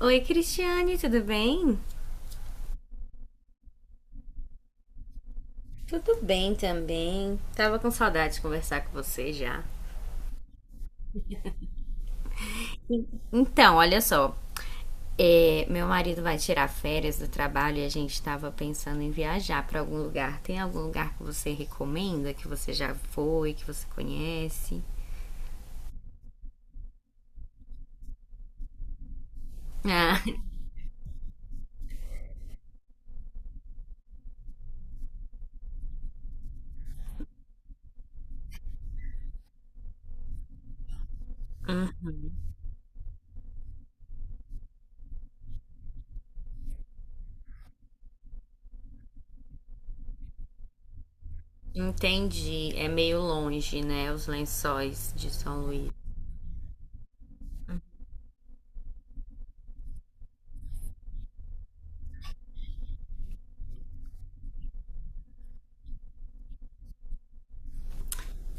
Oi, Cristiane, tudo bem? Tudo bem também. Tava com saudade de conversar com você já. Então, olha só. Meu marido vai tirar férias do trabalho e a gente tava pensando em viajar pra algum lugar. Tem algum lugar que você recomenda, que você já foi, que você conhece? Ah, entendi. É meio longe, né? Os lençóis de São Luís.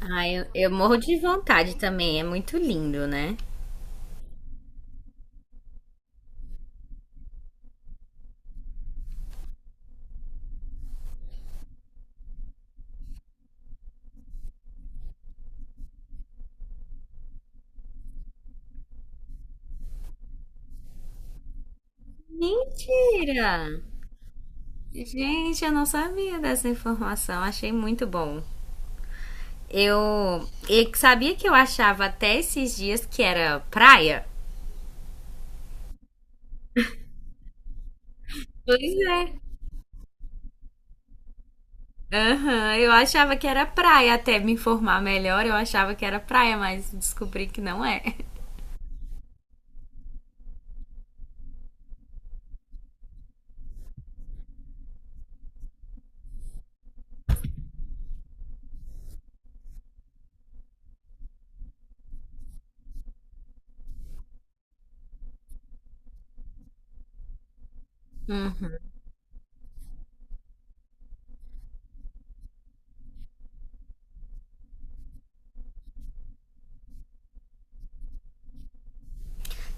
Ah, eu morro de vontade também. É muito lindo, né? Mentira! Gente, eu não sabia dessa informação. Achei muito bom. Eu, eu sabia que eu achava até esses dias que era praia. Pois é. Aham, eu achava que era praia, até me informar melhor, eu achava que era praia, mas descobri que não é. Hum.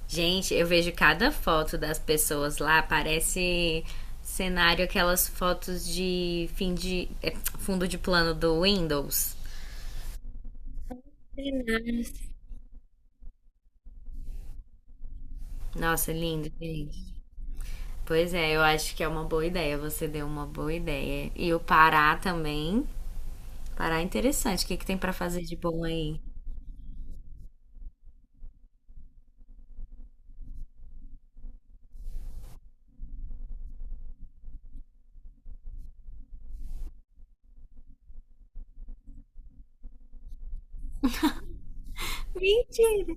Gente, eu vejo cada foto das pessoas lá, parece cenário, aquelas fotos de fim fundo de plano do Windows. Nossa, lindo, gente. Pois é, eu acho que é uma boa ideia. Você deu uma boa ideia. E o Pará também. Pará é interessante. O que tem pra fazer de bom aí? Mentira.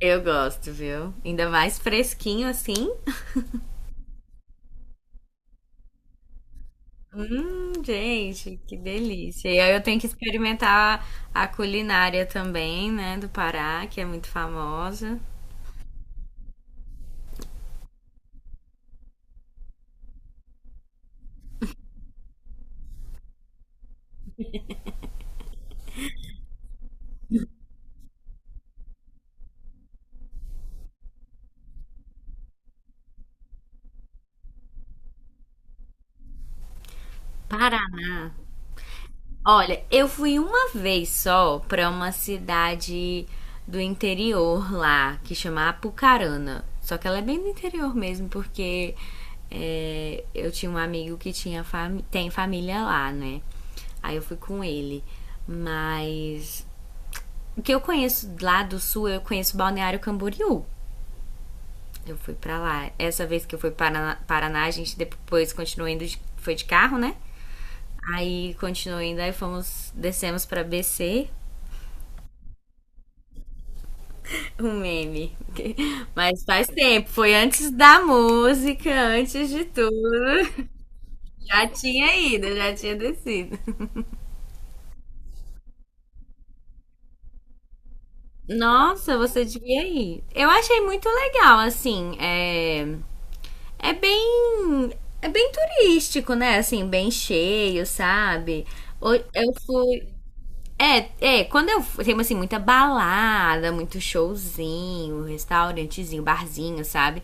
Eu gosto, viu? Ainda mais fresquinho assim. Gente, que delícia. E aí eu tenho que experimentar a culinária também, né, do Pará, que é muito famosa. Paraná. Olha, eu fui uma vez só pra uma cidade do interior lá, que chama Apucarana. Só que ela é bem do interior mesmo, porque é, eu tinha um amigo que tinha tem família lá, né? Aí eu fui com ele. Mas o que eu conheço lá do sul, eu conheço Balneário Camboriú. Eu fui pra lá. Essa vez que eu fui para Paraná, a gente depois continuou indo, foi de carro, né? Aí continuou indo, aí fomos, descemos pra BC. Um meme. Mas faz tempo, foi antes da música, antes de tudo. Já tinha ido, já tinha descido. Nossa, você devia ir. Eu achei muito legal, assim, é bem, é bem turístico, né? Assim, bem cheio, sabe? Ho- Eu fui, É, é, quando eu tenho assim muita balada, muito showzinho, restaurantezinho, barzinho, sabe?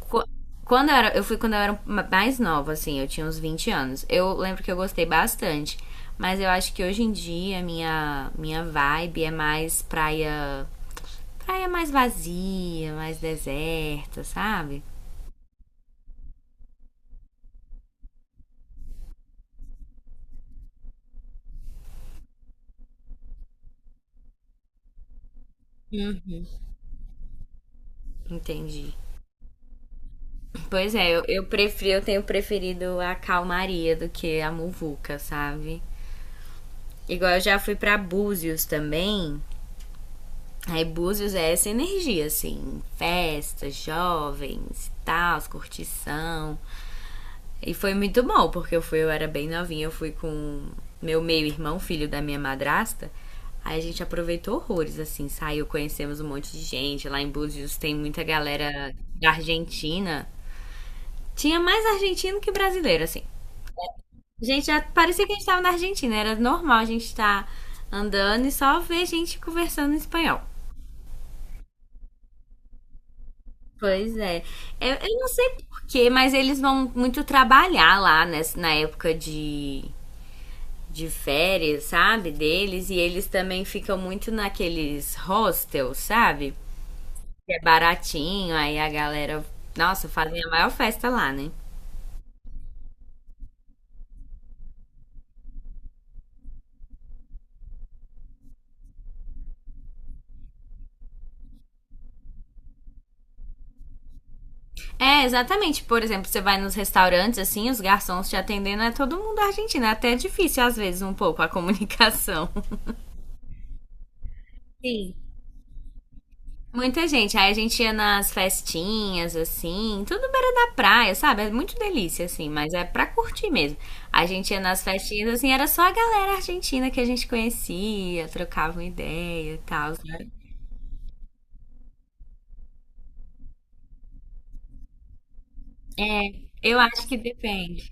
Qu- Quando eu era, eu fui quando eu era mais nova, assim, eu tinha uns 20 anos. Eu lembro que eu gostei bastante, mas eu acho que hoje em dia minha vibe é mais praia, praia mais vazia, mais deserta, sabe? Entendi. Pois é, eu prefiro, eu tenho preferido a calmaria do que a muvuca, sabe? Igual eu já fui pra Búzios também. Aí Búzios é essa energia, assim, festas, jovens, tal, curtição. E foi muito bom, porque eu fui, eu era bem novinha, eu fui com meu meio-irmão, filho da minha madrasta. Aí a gente aproveitou horrores, assim, saiu, conhecemos um monte de gente. Lá em Búzios tem muita galera da Argentina. Tinha mais argentino que brasileiro, assim. Gente, já parecia que a gente estava na Argentina. Era normal a gente estar andando e só ver gente conversando em espanhol. Pois é. Eu não sei porquê, mas eles vão muito trabalhar lá na época de férias, sabe? Deles. E eles também ficam muito naqueles hostels, sabe? Que é baratinho, aí a galera. Nossa, fazem a maior festa lá, né? É, exatamente. Por exemplo, você vai nos restaurantes, assim, os garçons te atendendo, é todo mundo argentino. É até difícil, às vezes, um pouco a comunicação. Sim. Muita gente. Aí a gente ia nas festinhas, assim, tudo beira da praia, sabe? É muito delícia, assim, mas é pra curtir mesmo. A gente ia nas festinhas, assim, era só a galera argentina que a gente conhecia, trocava uma ideia e tal, sabe? É, eu acho que depende.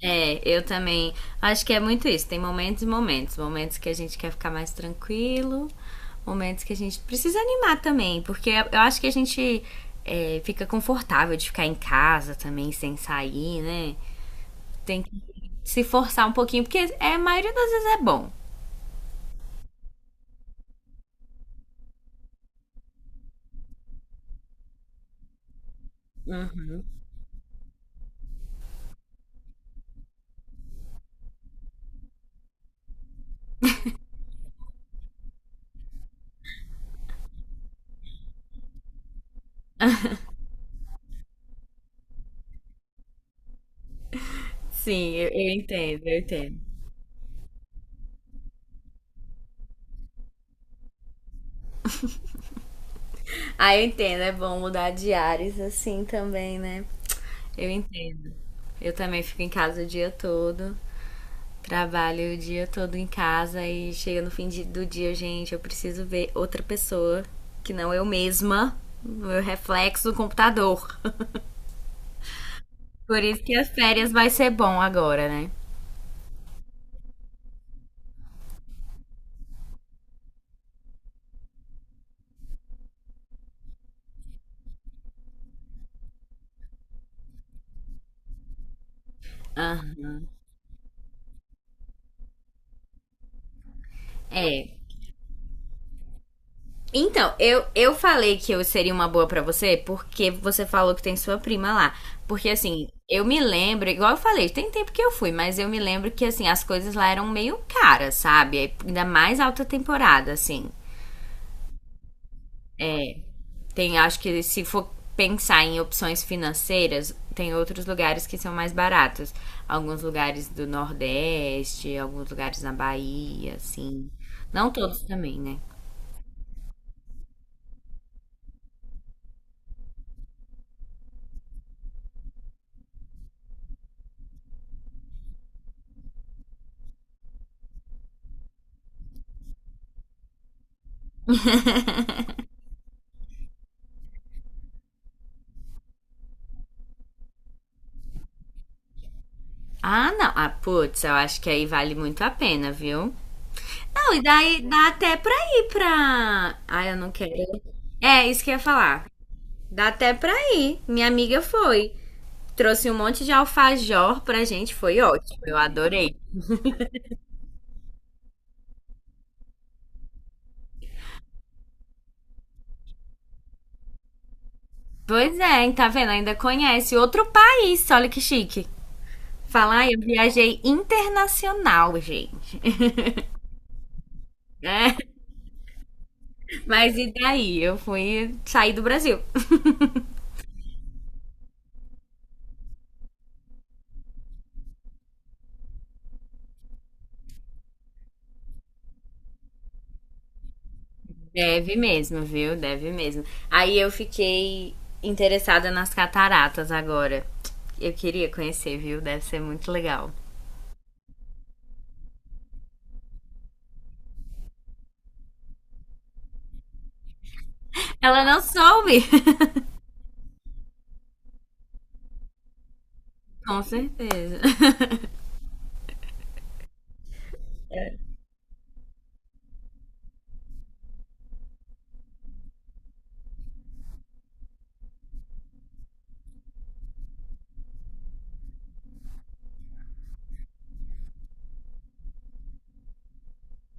É, eu também acho que é muito isso. Tem momentos e momentos. Momentos que a gente quer ficar mais tranquilo, momentos que a gente precisa animar também, porque eu acho que a gente fica confortável de ficar em casa também, sem sair, né? Tem que se forçar um pouquinho, porque é, a maioria das vezes é bom. Uhum. Sim, eu entendo, eu entendo. Ah, eu entendo, é bom mudar de ares assim também, né? Eu entendo. Eu também fico em casa o dia todo. Trabalho o dia todo em casa e chega no do dia, gente, eu preciso ver outra pessoa que não eu mesma, meu reflexo do computador. Por isso que as férias vai ser bom agora, né? Ah, é. Então, eu falei que eu seria uma boa pra você porque você falou que tem sua prima lá. Porque assim, eu me lembro, igual eu falei, tem tempo que eu fui, mas eu me lembro que assim, as coisas lá eram meio caras, sabe? Ainda mais alta temporada, assim. É, tem, acho que se for pensar em opções financeiras, tem outros lugares que são mais baratos. Alguns lugares do Nordeste, alguns lugares na Bahia, assim. Não todos também, né? Ah, não. Ah, putz, eu acho que aí vale muito a pena, viu? Não, e daí dá até pra ir pra. Ah, eu não quero. É, isso que eu ia falar. Dá até pra ir. Minha amiga foi. Trouxe um monte de alfajor pra gente, foi ótimo. Eu adorei. Pois é, hein, tá vendo? Ainda conhece outro país, olha que chique. Falar, eu viajei internacional, gente. Né? Mas e daí? Eu fui sair do Brasil. Deve mesmo, viu? Deve mesmo. Aí eu fiquei interessada nas cataratas agora. Eu queria conhecer, viu? Deve ser muito legal. Ela não soube. Com certeza.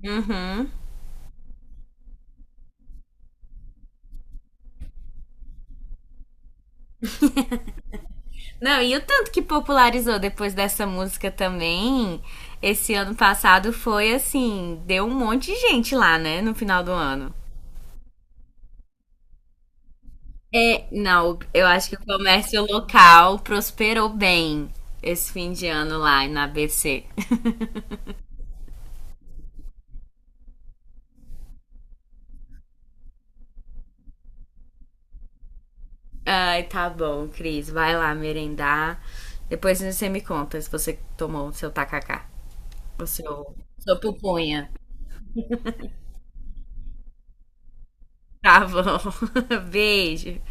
Uhum. Não, e o tanto que popularizou depois dessa música também, esse ano passado foi assim, deu um monte de gente lá, né, no final do ano. É, não, eu acho que o comércio local prosperou bem esse fim de ano lá na ABC. Ai, tá bom, Cris, vai lá merendar. Depois você me conta se você tomou o seu tacacá, o seu, sua pupunha. Tá bom. Beijo.